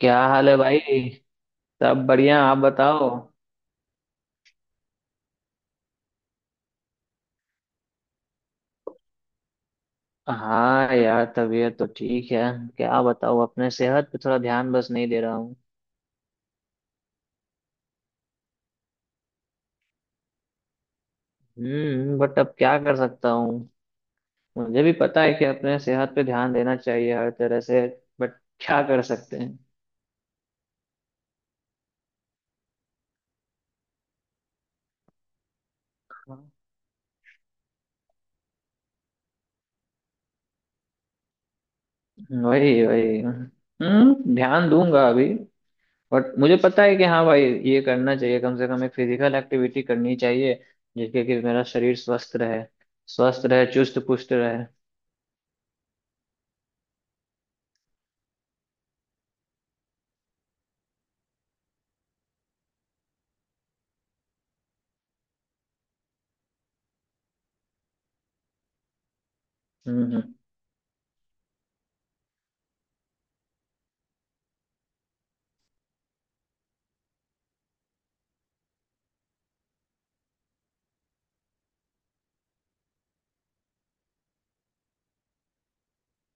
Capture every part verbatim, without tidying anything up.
क्या हाल है भाई। सब बढ़िया। आप बताओ। हाँ यार, तबीयत तो ठीक है। क्या बताऊँ, अपने सेहत पे थोड़ा ध्यान बस नहीं दे रहा हूँ। हम्म बट अब क्या कर सकता हूँ। मुझे भी पता है कि अपने सेहत पे ध्यान देना चाहिए हर तरह से। बट क्या कर सकते हैं। वही वही, हम्म ध्यान दूंगा अभी। बट मुझे पता है कि हाँ भाई, ये करना चाहिए, कम से कम एक फिजिकल एक्टिविटी करनी चाहिए, जिससे कि मेरा शरीर स्वस्थ रहे, स्वस्थ रहे, चुस्त पुस्त रहे। हम्म हम्म।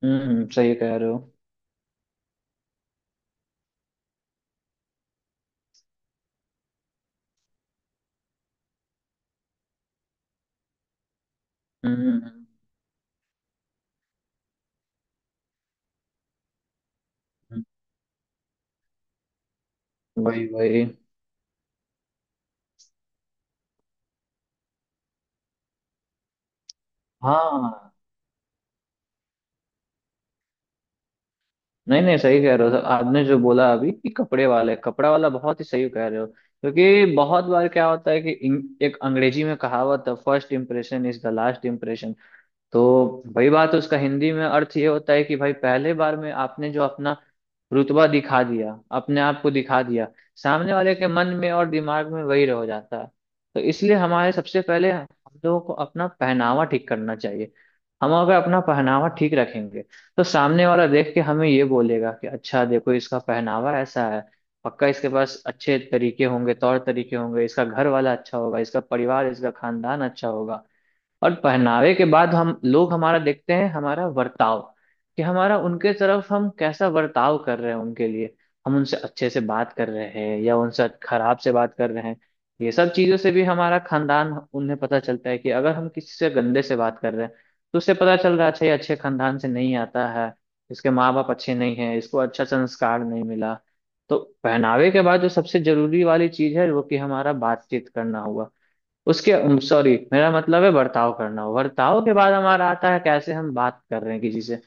हम्म सही कह रहे हो। हम्म हम्म। हम्म। वही वही। हाँ। नहीं नहीं, सही कह रहे हो आपने जो बोला अभी कि कपड़े वाले कपड़ा वाला, बहुत ही सही कह रहे हो। क्योंकि बहुत बार क्या होता है कि इंग- एक अंग्रेजी में कहावत है, first impression is the last impression. तो वही बात है, उसका हिंदी में अर्थ ये होता है कि भाई, पहले बार में आपने जो अपना रुतबा दिखा दिया, अपने आप को दिखा दिया, सामने वाले के मन में और दिमाग में वही रह जाता है। तो इसलिए हमारे, सबसे पहले हम लोगों को अपना पहनावा ठीक करना चाहिए। हम अगर अपना पहनावा ठीक रखेंगे, तो सामने वाला देख के हमें ये बोलेगा कि अच्छा, देखो इसका पहनावा ऐसा है। पक्का इसके पास अच्छे तरीके होंगे, तौर तरीके होंगे, इसका घर वाला अच्छा होगा, इसका परिवार, इसका खानदान अच्छा होगा। और पहनावे के बाद हम लोग हमारा देखते हैं हमारा वर्ताव, कि हमारा उनके तरफ हम कैसा वर्ताव कर रहे हैं उनके लिए। हम उनसे अच्छे से बात कर रहे हैं या उनसे खराब से बात कर रहे हैं। ये सब चीजों से भी हमारा खानदान उन्हें पता चलता है कि अगर हम किसी से गंदे से बात कर रहे हैं, तो उससे पता चल रहा है, अच्छा, ये अच्छे खानदान से नहीं आता है। इसके माँ बाप अच्छे नहीं हैं, इसको अच्छा संस्कार नहीं मिला। तो पहनावे के बाद जो सबसे जरूरी वाली चीज है वो कि हमारा बातचीत करना हुआ, उसके, सॉरी मेरा मतलब है बर्ताव करना। बर्ताव के बाद हमारा आता है, कैसे हम बात कर रहे हैं किसी से।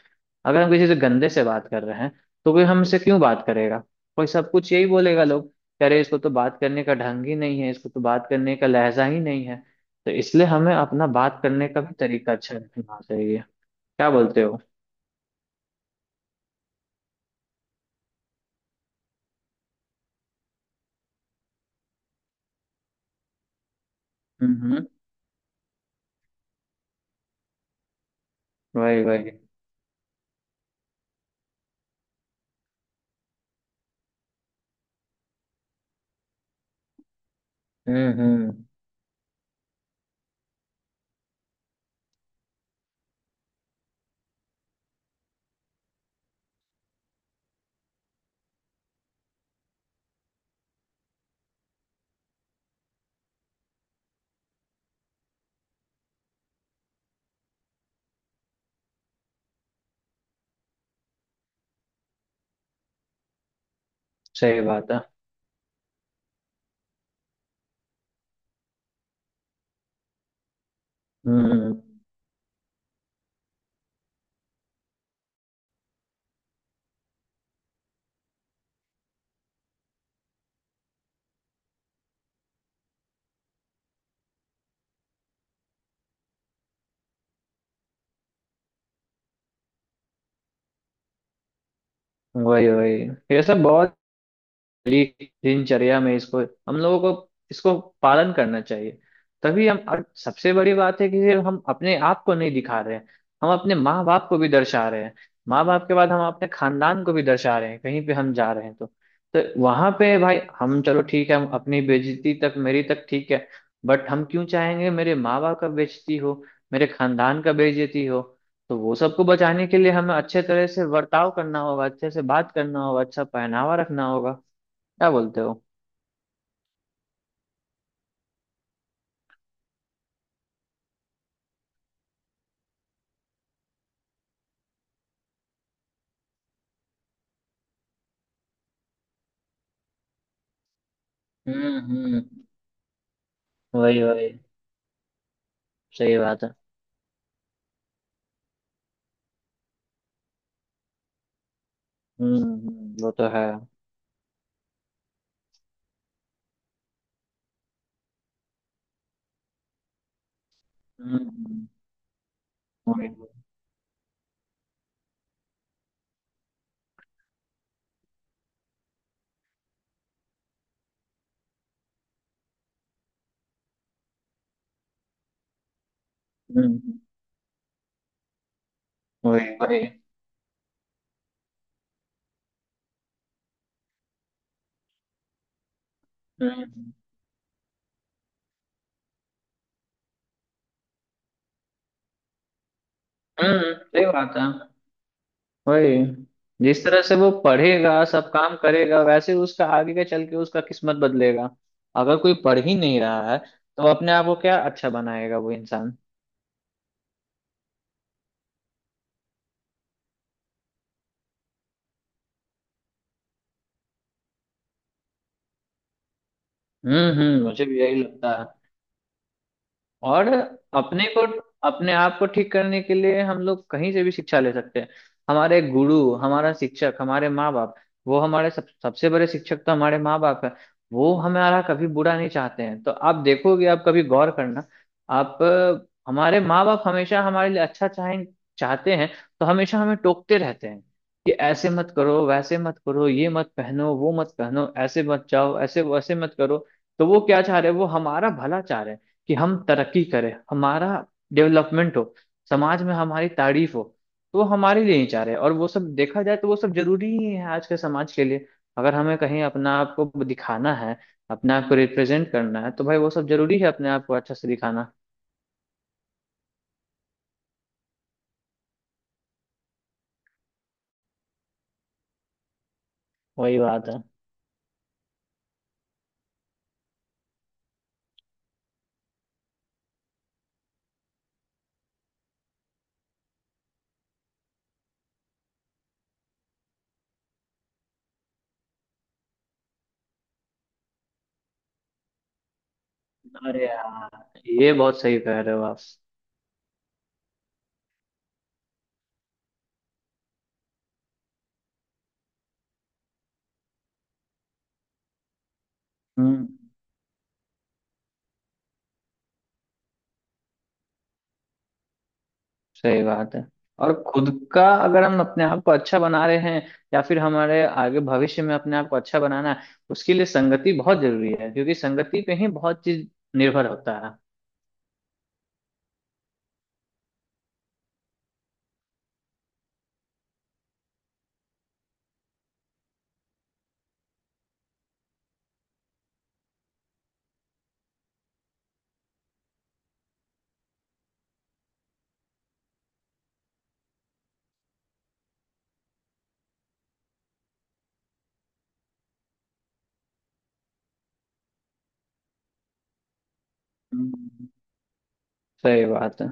अगर हम किसी से गंदे से बात कर रहे हैं, तो कोई हमसे क्यों बात करेगा। कोई सब कुछ यही बोलेगा लोग कि अरे, इसको तो बात करने का ढंग ही नहीं है, इसको तो बात करने का लहजा ही नहीं है। तो इसलिए हमें अपना बात करने का भी तरीका अच्छा रखना चाहिए। क्या बोलते हो। हम्म हम्म। वही वही। हम्म हम्म। सही बात है। हम्म। वही वही। ये सब बहुत डेली दिनचर्या में इसको, हम लोगों को इसको पालन करना चाहिए। तभी हम, और सबसे बड़ी बात है कि सिर्फ हम अपने आप को नहीं दिखा रहे हैं, हम अपने माँ बाप को भी दर्शा रहे हैं। माँ बाप के बाद हम अपने खानदान को भी दर्शा रहे हैं। कहीं पे हम जा रहे हैं तो तो वहां पे भाई हम, चलो ठीक है, हम अपनी बेइज्जती तक, मेरी तक ठीक है। बट हम क्यों चाहेंगे मेरे माँ बाप का बेइज्जती हो, मेरे खानदान का बेइज्जती हो। तो वो सबको बचाने के लिए हमें अच्छे तरह से बर्ताव करना होगा, अच्छे से बात करना होगा, अच्छा पहनावा रखना होगा। क्या बोलते हो। हम्म हम्म। वही वही। सही बात है। हम्म हम्म, वो तो है। हम्म हम्म। वही। हम्म। हम्म। वही वही। हम्म हम्म। हम्म। सही बात है। वही। जिस तरह से वो पढ़ेगा सब काम करेगा, वैसे उसका आगे के चल के उसका किस्मत बदलेगा। अगर कोई पढ़ ही नहीं रहा है, तो अपने आप को क्या अच्छा बनाएगा वो इंसान। हम्म हम्म, मुझे भी यही लगता है। और अपने को अपने आप को ठीक करने के लिए हम लोग कहीं से भी शिक्षा ले सकते हैं। हमारे गुरु, हमारा शिक्षक, हमारे माँ बाप, वो हमारे सब, सबसे बड़े शिक्षक तो हमारे माँ बाप है। वो हमारा कभी बुरा नहीं चाहते हैं, तो आप देखोगे, आप कभी गौर करना। आप अ, हमारे माँ बाप हमेशा हमारे लिए अच्छा चाहें चाहते हैं, तो हमेशा हमें टोकते रहते हैं कि ऐसे मत करो, वैसे मत करो, ये मत पहनो, वो मत पहनो, ऐसे मत जाओ, ऐसे वैसे मत करो। तो वो क्या चाह रहे हैं, वो हमारा भला चाह रहे हैं, कि हम तरक्की करें, हमारा डेवलपमेंट हो, समाज में हमारी तारीफ हो। तो वो हमारे लिए ही चाह रहे हैं, और वो सब देखा जाए तो वो सब जरूरी ही है आज के समाज के लिए। अगर हमें कहीं अपना आप को दिखाना है, अपने आप को रिप्रेजेंट करना है, तो भाई वो सब जरूरी है, अपने आप को अच्छा से दिखाना। वही बात है। अरे यार, ये बहुत सही कह रहे हो आप। हम्म सही बात है। और खुद का, अगर हम अपने आप को अच्छा बना रहे हैं, या फिर हमारे आगे भविष्य में अपने आप को अच्छा बनाना है, उसके लिए संगति बहुत जरूरी है, क्योंकि संगति पे ही बहुत चीज निर्भर होता है। हम्म। सही बात है।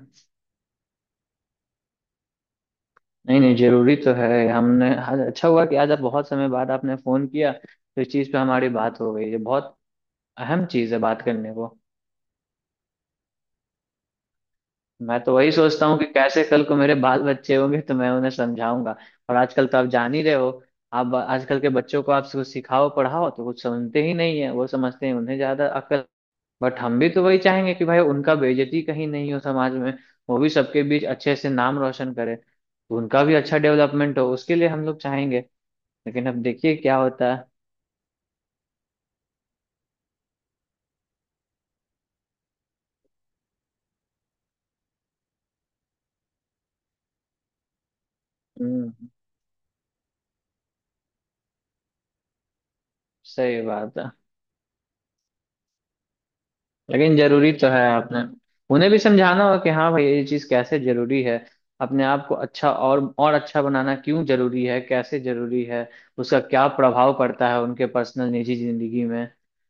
नहीं नहीं, जरूरी तो है। हमने आज अच्छा हुआ कि आज आप बहुत समय बाद आपने फोन किया, तो इस चीज पे हमारी बात हो गई, ये बहुत अहम चीज है बात करने को। मैं तो वही सोचता हूँ कि कैसे कल को मेरे बाल बच्चे होंगे तो मैं उन्हें समझाऊंगा। और आजकल तो आप जान ही रहे हो, आप आजकल के बच्चों को आप कुछ सिखाओ पढ़ाओ तो कुछ समझते ही नहीं है, वो समझते हैं उन्हें ज्यादा अकल। बट हम भी तो वही चाहेंगे कि भाई, उनका बेइज्जती कहीं नहीं हो समाज में, वो भी सबके बीच अच्छे से नाम रोशन करे, तो उनका भी अच्छा डेवलपमेंट हो, उसके लिए हम लोग चाहेंगे। लेकिन अब देखिए क्या होता है। हम्म सही बात है। लेकिन जरूरी तो है, आपने उन्हें भी समझाना होगा कि हाँ भाई, ये चीज कैसे जरूरी है, अपने आप को अच्छा और और अच्छा बनाना क्यों जरूरी है, कैसे जरूरी है, उसका क्या प्रभाव पड़ता है उनके पर्सनल निजी जिंदगी में।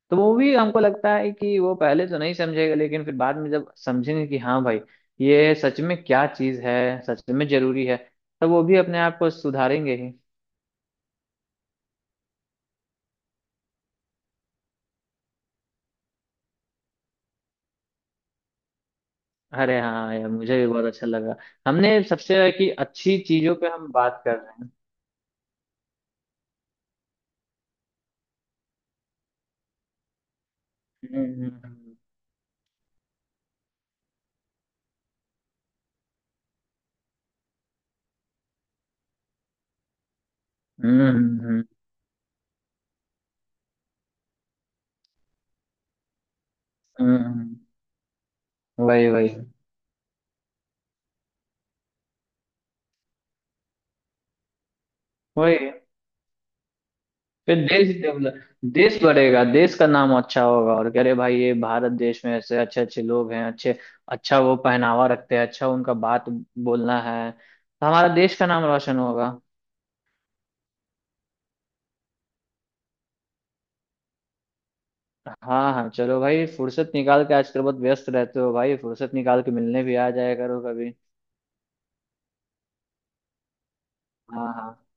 तो वो भी, हमको लगता है कि वो पहले तो नहीं समझेगा, लेकिन फिर बाद में जब समझेंगे कि हाँ भाई, ये सच में क्या चीज है, सच में जरूरी है, तो वो भी अपने आप को सुधारेंगे ही। अरे हाँ यार, मुझे भी बहुत अच्छा लगा। हमने सबसे कि अच्छी चीजों पे हम बात कर रहे हैं। हम्म, हम्म, हम्म। हम्म हम्म। हम्म। वही वही। वही। फिर देश डेवलप, देश बढ़ेगा, देश का नाम अच्छा होगा और कह रहे भाई ये भारत देश में ऐसे अच्छे अच्छे लोग हैं, अच्छे, अच्छा वो पहनावा रखते हैं, अच्छा उनका बात बोलना है, तो हमारा देश का नाम रोशन होगा। हाँ हाँ, चलो भाई, फुर्सत निकाल के, आजकल बहुत व्यस्त रहते हो भाई, फुर्सत निकाल के मिलने भी आ जाया करो कभी। हाँ हाँ।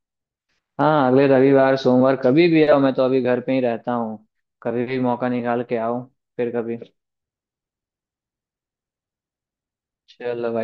हाँ, अगले रविवार सोमवार कभी भी आओ, मैं तो अभी घर पे ही रहता हूँ, कभी भी मौका निकाल के आओ। फिर कभी। चलो भाई।